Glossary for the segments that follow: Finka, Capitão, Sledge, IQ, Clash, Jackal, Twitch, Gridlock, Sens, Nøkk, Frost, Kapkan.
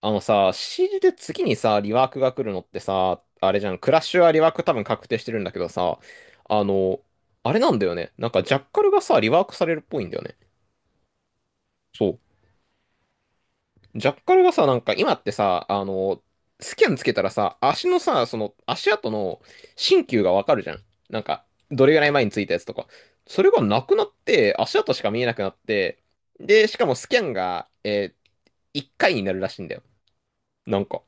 あのさ、CG で次にさ、リワークが来るのってさ、あれじゃん、クラッシュはリワーク多分確定してるんだけどさ、あの、あれなんだよね。なんかジャッカルがさ、リワークされるっぽいんだよね。そう。ジャッカルがさ、なんか今ってさ、スキャンつけたらさ、足のさ、その足跡の新旧がわかるじゃん。なんか、どれぐらい前についたやつとか。それがなくなって、足跡しか見えなくなって、で、しかもスキャンが、1回になるらしいんだよ。なんか。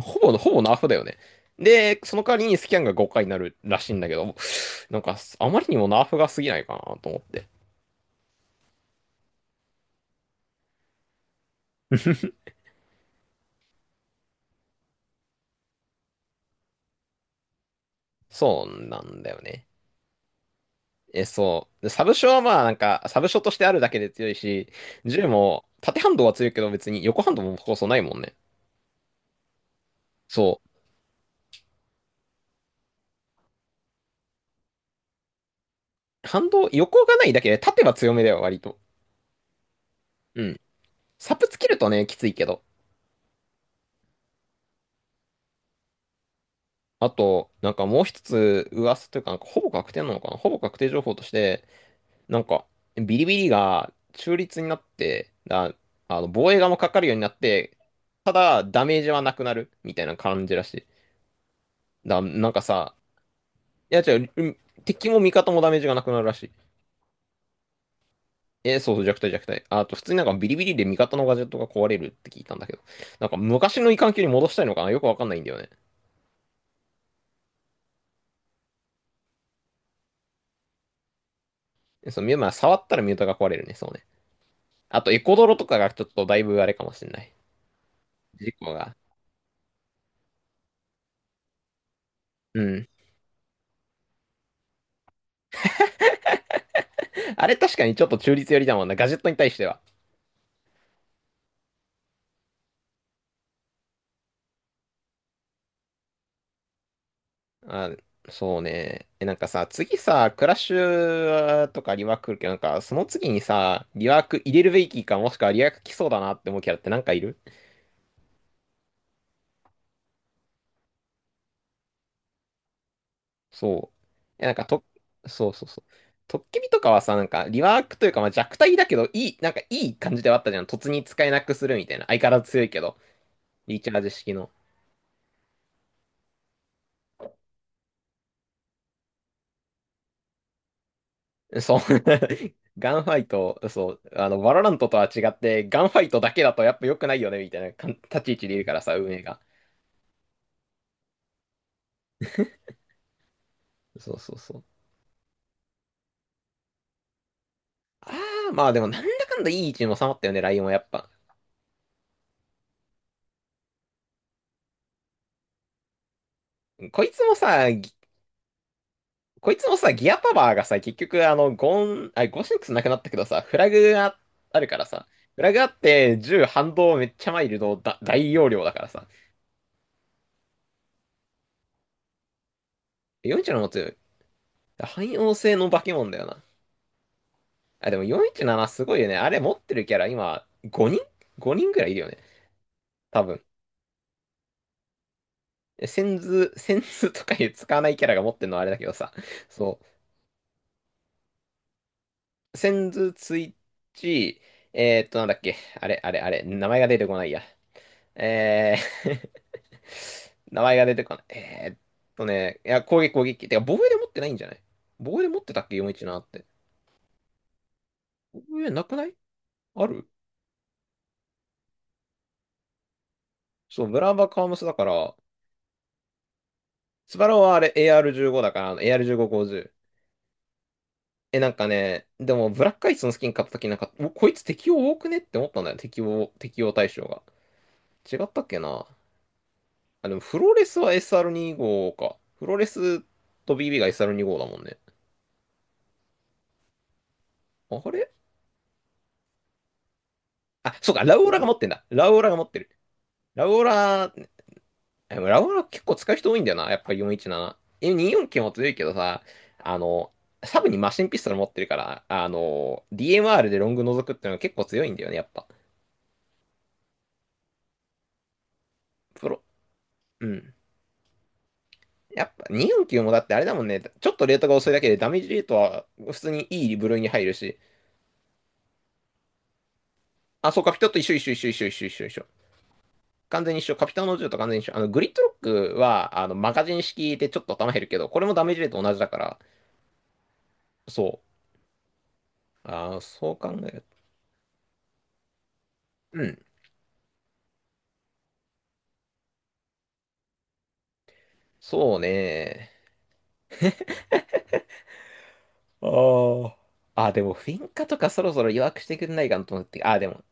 ほぼナーフだよね。で、その代わりにスキャンが5回になるらしいんだけど、なんか、あまりにもナーフが過ぎないかなと思って。そうなんだよね。え、そう。で、サブショはまあ、なんか、サブショとしてあるだけで強いし、銃も、縦反動は強いけど別に横反動もこそないもんね。そう。反動、横がないだけで縦は強めだよ、割と。うん。サプつけるとね、きついけど。あと、なんかもう一つ噂というか、なんかほぼ確定なのかな、ほぼ確定情報として、なんか、ビリビリが中立になって、だ、防衛側もかかるようになって、ただ、ダメージはなくなる、みたいな感じらしい。だ、なんかさ、いや違う、うん、敵も味方もダメージがなくなるらしい。えー、そうそう、弱体弱体。あと、普通になんかビリビリで味方のガジェットが壊れるって聞いたんだけど、なんか昔の異環境に戻したいのかな、よくわかんないんだよね。まあ、触ったらミュータが壊れるね、そうね。あと、エコドロとかがちょっとだいぶあれかもしれない。事故が。うん。あれ確かにちょっと中立寄りだもんな、ガジェットに対しては。あ、そうね。え、なんかさ、次さ、クラッシュとかリワーク来るけど、なんか、その次にさ、リワーク入れるべきか、もしくはリワーク来そうだなって思うキャラってなんかいる？そう。え、なんか、と、そうそうそう。トッケビとかはさ、なんか、リワークというか、まあ、弱体だけど、いい、なんか、いい感じではあったじゃん。突に使えなくするみたいな。相変わらず強いけど、リーチャージ式の。そう。ガンファイト、そう、バロラントとは違って、ガンファイトだけだとやっぱ良くないよね、みたいなかん立ち位置でいるからさ、運営が。そうそうそう。ああ、まあでもなんだかんだいい位置に収まったよね、ライオンはやっぱ。こいつもさ、ぎこいつもさ、ギアパワーがさ、結局あの、ゴン、あ、ゴシックスなくなったけどさ、フラグがあるからさ、フラグあって銃反動めっちゃマイルドだ、大容量だからさ、41の持つ、汎用性の化け物だよな。あ、でも417すごいよね。あれ持ってるキャラ今、5 人ぐらいいるよね。多分。センズとかいう使わないキャラが持ってるのはあれだけどさ、そう。センズ、ツイッチ、なんだっけ。あれ、あれ、あれ、名前が出てこないや。えー。 名前が出てこない。攻撃。てか、防衛で持ってないんじゃない？防衛で持ってたっけ？ 417 って。防衛なくない？ある？そう、ブラーバカームスだから、スバロはあれ AR15 だから、あの AR1550。え、なんかね、でも、ブラックアイスのスキン買った時なんか、おこいつ適応多くねって思ったんだよ。適応対象が。違ったっけな。あ、でもフローレスは SR25 か。フローレスと BB が SR25 だもんね。あれ？あ、そうか、ラウオラが持ってる。ラウオラ、でもラウオラ結構使う人多いんだよな。やっぱ417。え、249も強いけどさ、あの、サブにマシンピストル持ってるから、DMR でロング覗くってのが結構強いんだよね、やっぱ。プロ、うん。やっぱ249もだってあれだもんね。ちょっとレートが遅いだけでダメージレートは普通にいい部類に入るし。あ、そうか、ピょっと一緒一緒一緒一緒一緒一緒一緒。完全に一緒。カピタンの銃と完全に一緒。グリッドロックは、マガジン式でちょっと頭減るけど、これもダメージレート同じだから、そう。ああそう考えると。うん。そうね。ああ。あ、でも、フィンカとかそろそろ弱くしてくんないかなと思って。あー、でも、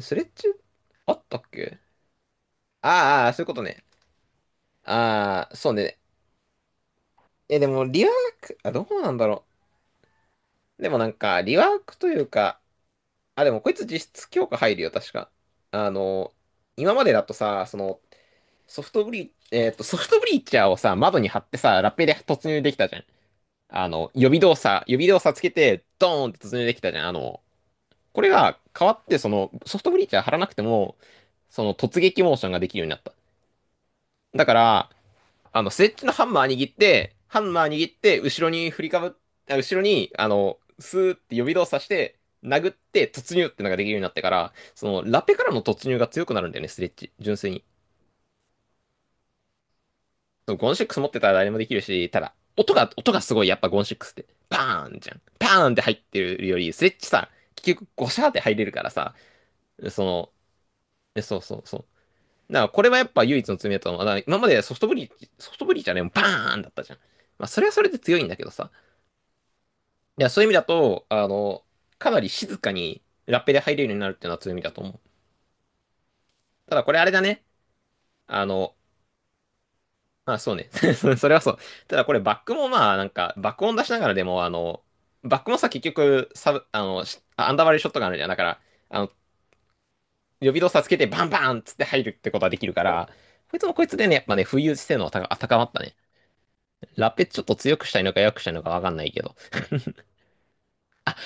スレッチあったっけ？あーあー、そういうことね。ああ、そうね。え、でも、リワーク、あ、どうなんだろう。でもなんか、リワークというか、あ、でもこいつ実質強化入るよ、確か。あの、今までだとさ、その、ソフトブリーチャーをさ、窓に貼ってさ、ラッペで突入できたじゃん。あの、予備動作つけて、ドーンって突入できたじゃん。あの、これが変わって、その、ソフトブリーチャー貼らなくても、その突撃モーションができるようになった。だから、あの、スレッジのハンマー握って、ハンマー握って、後ろに振りかぶっ、あ後ろに、あの、スーって予備動作して、殴って突入ってのができるようになってから、その、ラペからの突入が強くなるんだよね、スレッジ。純粋に。そうゴンシックス持ってたら誰もできるし、ただ、音がすごい、やっぱゴンシックスって、バーンじゃん。バーンって入ってるより、スレッチさ、結局、ゴシャーって入れるからさ、その、そうそうそう。だから、これはやっぱ唯一の罪だと思う。だから今までソフトブリーソフトブリーじゃね、バーンだったじゃん。まあ、それはそれで強いんだけどさ。いや、そういう意味だと、あの、かなり静かにラッペで入れるようになるっていうのは強みだと思う。ただ、これあれだね。あの、あ、そうね。それはそう。ただこれバックもまあなんか爆音出しながらでもバックもさ結局サブ、あの、しあアンダーバリューショットがあるじゃん。だから、あの、予備動作つけてバンバンっつって入るってことはできるから、こいつもこいつでね、やっぱね、浮遊性能は高まったね。ラペちょっと強くしたいのか弱くしたいのかわかんないけど。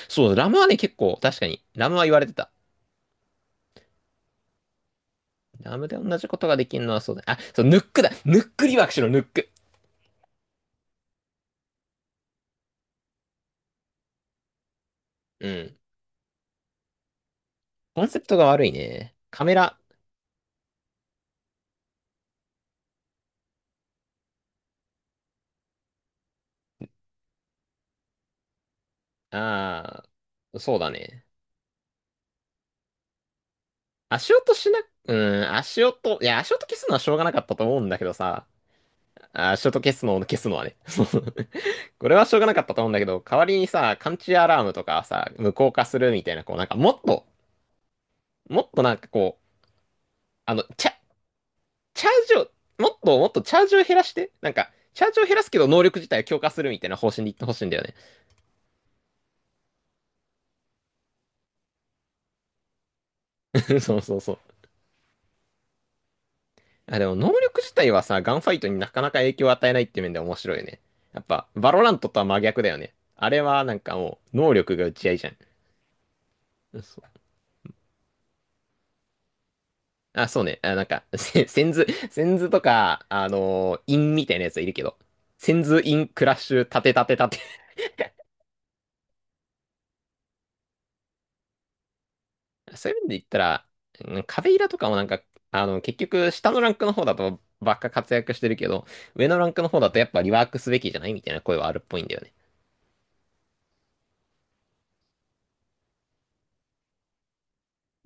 そう、ラムはね結構確かに、ラムは言われてた。ラムで同じことができるのはそうだね。あ、そう、ヌックだ。ヌックリワークしろ、ヌック。うん。コンセプトが悪いね。カメラ、ああ、そうだね。足音しな、うん、いや、足音消すのはしょうがなかったと思うんだけどさ、あ、足音消すのを消すのはね。そう、これはしょうがなかったと思うんだけど、代わりにさ、感知アラームとかさ、無効化するみたいな、こう、なんかもっと、もっとなんかこう、あの、チャ、チャージを、もっともっとチャージを減らして、なんか、チャージを減らすけど能力自体を強化するみたいな方針で言ってほしいんだよね。そうそうそう。あ、でも能力自体はさ、ガンファイトになかなか影響を与えないって面で面白いよね。やっぱ、バロラントとは真逆だよね。あれはなんかもう、能力が打ち合いじゃん。そう。あ、そうね。あ、なんか、せセンズ、センズとか、インみたいなやつはいるけど、センズインクラッシュ、立て立て立て。そういう面で言ったら、うん、壁イラとかもなんか、あの、結局、下のランクの方だとばっか活躍してるけど、上のランクの方だとやっぱリワークすべきじゃないみたいな声はあるっぽいんだよね。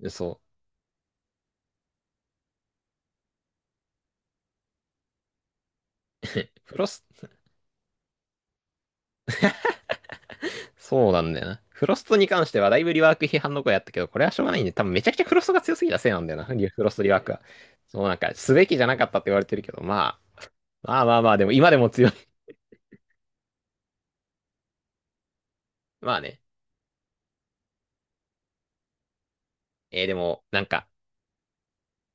そう。フロスそうなんだよな。フロストに関してはだいぶリワーク批判の声あったけど、これはしょうがないんで、多分めちゃくちゃフロストが強すぎたせいなんだよな、リフロストリワークは。そうなんか、すべきじゃなかったって言われてるけど、まあ、まあまあまあ、でも今でも強い。まあね。えー、でも、なんか、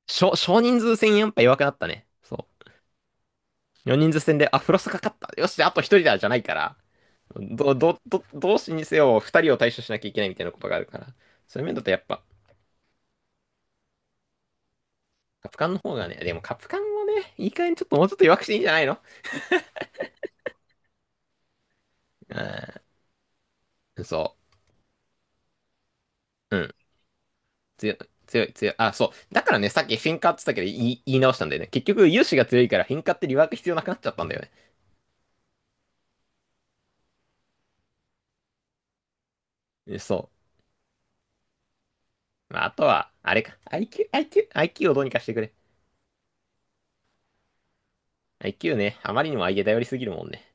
少人数戦やっぱ弱くなったね。そう。4人数戦で、あ、フロストかかった。よし、あと1人だ、じゃないから。ど、ど、ど、同士にせよ、2人を対処しなきゃいけないみたいなことがあるから。そういう面だとやっぱ、カプカンの方がね、でもカプカンもね、いい加減ちょっともうちょっと弱くしていいんじゃないの？うん、そう。うん。強い、強い、強い。あ、そう。だからね、さっきフィンカーって言ったけど、言い直したんだよね。結局、融資が強いから、フィンカーってリワーク必要なくなっちゃったんだよね。そう。まあ、あとは、あれか。IQ、IQ、IQ をどうにかしてくれ。IQ ね、あまりにも相手頼りすぎるもんね。